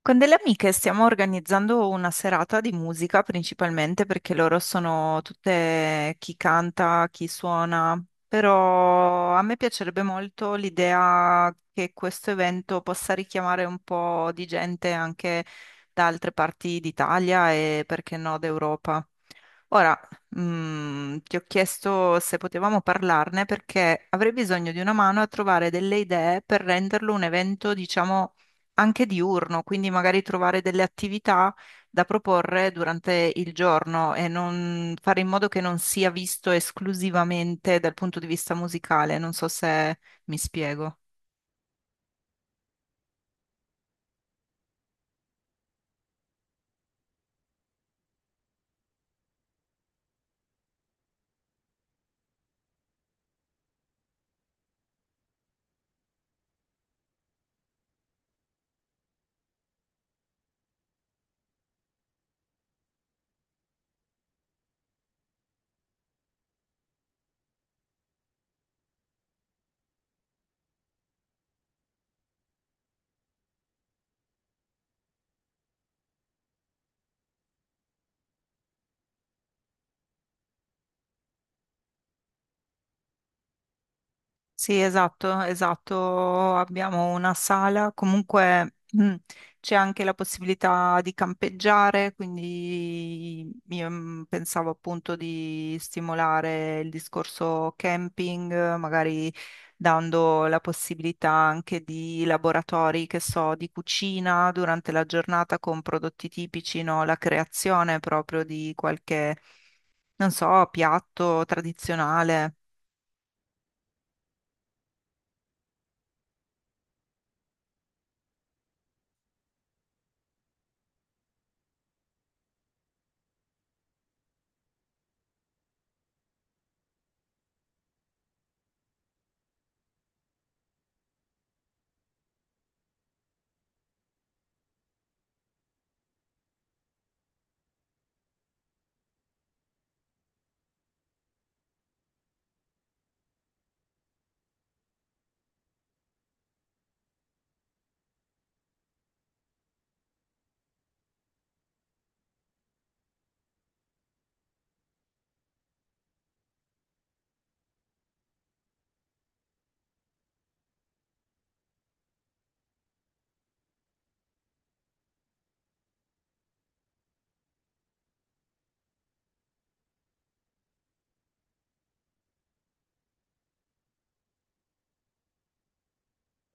Con delle amiche stiamo organizzando una serata di musica principalmente perché loro sono tutte chi canta, chi suona, però a me piacerebbe molto l'idea che questo evento possa richiamare un po' di gente anche da altre parti d'Italia e perché no d'Europa. Ora, ti ho chiesto se potevamo parlarne perché avrei bisogno di una mano a trovare delle idee per renderlo un evento, diciamo, anche diurno, quindi magari trovare delle attività da proporre durante il giorno e non fare in modo che non sia visto esclusivamente dal punto di vista musicale. Non so se mi spiego. Sì, esatto, esatto. Abbiamo una sala, comunque mm, c'è anche la possibilità di campeggiare, quindi io pensavo appunto di stimolare il discorso camping, magari dando la possibilità anche di laboratori, che so, di cucina durante la giornata con prodotti tipici, no? La creazione proprio di qualche, non so, piatto tradizionale.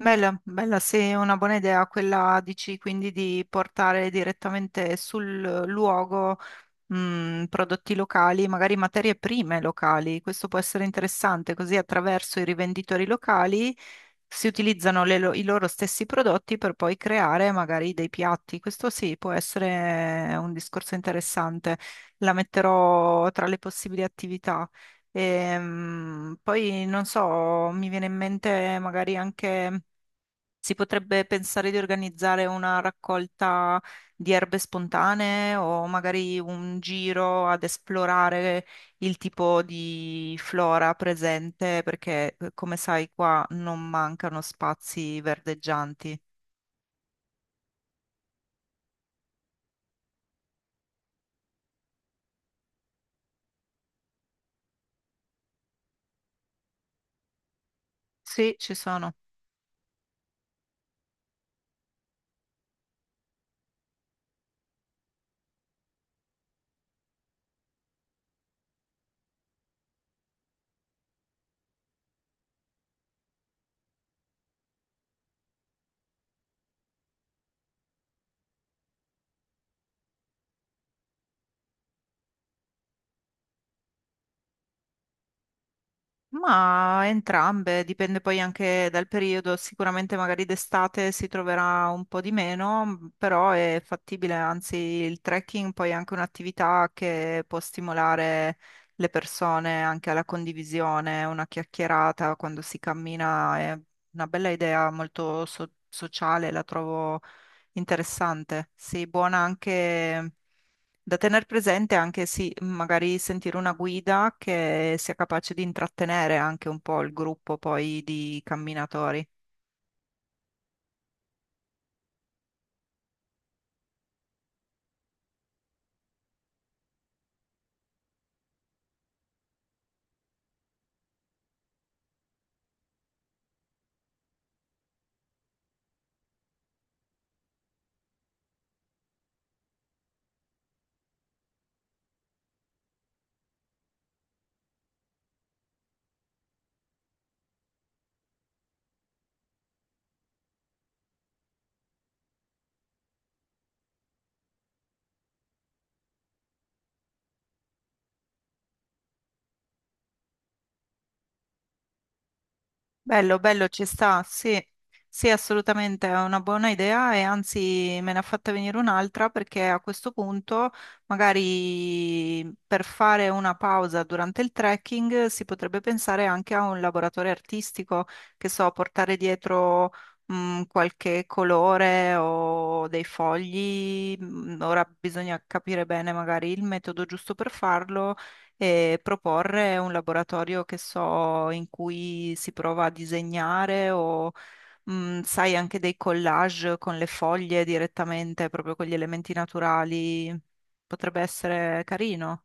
Bella, bella, sì, è una buona idea quella, dici, quindi di portare direttamente sul luogo, prodotti locali, magari materie prime locali. Questo può essere interessante, così attraverso i rivenditori locali si utilizzano i loro stessi prodotti per poi creare magari dei piatti. Questo sì, può essere un discorso interessante. La metterò tra le possibili attività. Poi non so, mi viene in mente magari anche si potrebbe pensare di organizzare una raccolta di erbe spontanee o magari un giro ad esplorare il tipo di flora presente, perché come sai qua non mancano spazi verdeggianti. Sì, ci sono. Ma entrambe, dipende poi anche dal periodo, sicuramente magari d'estate si troverà un po' di meno, però è fattibile, anzi il trekking poi è anche un'attività che può stimolare le persone anche alla condivisione, una chiacchierata quando si cammina, è una bella idea molto sociale, la trovo interessante, sì, buona anche da tener presente, anche sì, magari sentire una guida che sia capace di intrattenere anche un po' il gruppo poi di camminatori. Bello, bello, ci sta, sì, sì, assolutamente, è una buona idea e anzi me ne ha fatta venire un'altra perché a questo punto magari per fare una pausa durante il trekking si potrebbe pensare anche a un laboratorio artistico, che so, portare dietro qualche colore o dei fogli, ora bisogna capire bene magari il metodo giusto per farlo e proporre un laboratorio che so in cui si prova a disegnare o sai anche dei collage con le foglie direttamente, proprio con gli elementi naturali. Potrebbe essere carino.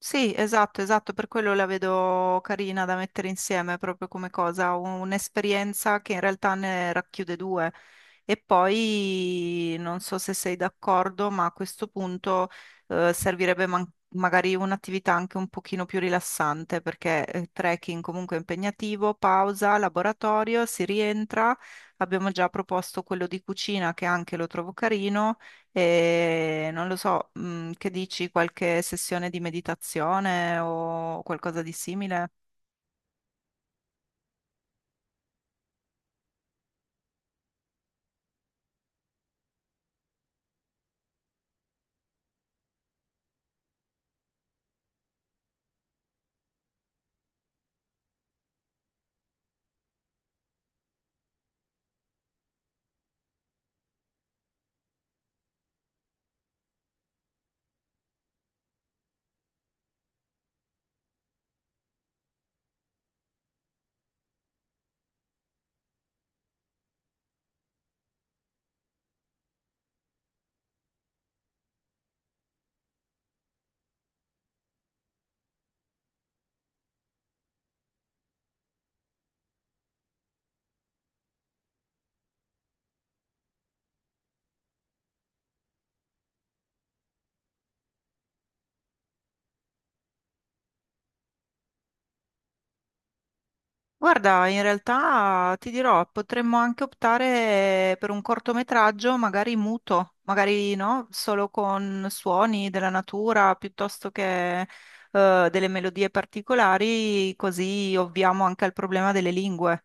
Sì, esatto, esatto, per quello la vedo carina da mettere insieme proprio come cosa, un'esperienza che in realtà ne racchiude due. E poi non so se sei d'accordo, ma a questo punto servirebbe magari un'attività anche un pochino più rilassante, perché trekking comunque è impegnativo, pausa, laboratorio, si rientra. Abbiamo già proposto quello di cucina che anche lo trovo carino. E non lo so, che dici, qualche sessione di meditazione o qualcosa di simile? Guarda, in realtà ti dirò, potremmo anche optare per un cortometraggio, magari muto, magari no, solo con suoni della natura piuttosto che delle melodie particolari, così ovviamo anche al problema delle lingue.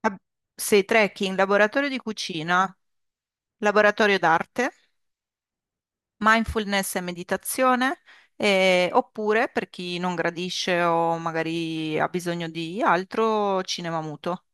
Ab- Sei trekking, laboratorio di cucina, laboratorio d'arte. Mindfulness e meditazione, oppure per chi non gradisce o magari ha bisogno di altro, cinema muto.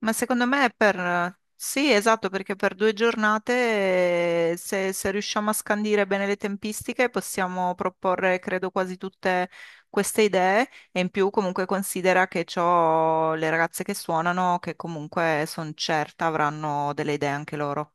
Ma secondo me è per... Sì, esatto, perché per due giornate, se riusciamo a scandire bene le tempistiche, possiamo proporre, credo, quasi tutte queste idee e in più comunque considera che c'ho le ragazze che suonano, che comunque sono certa avranno delle idee anche loro.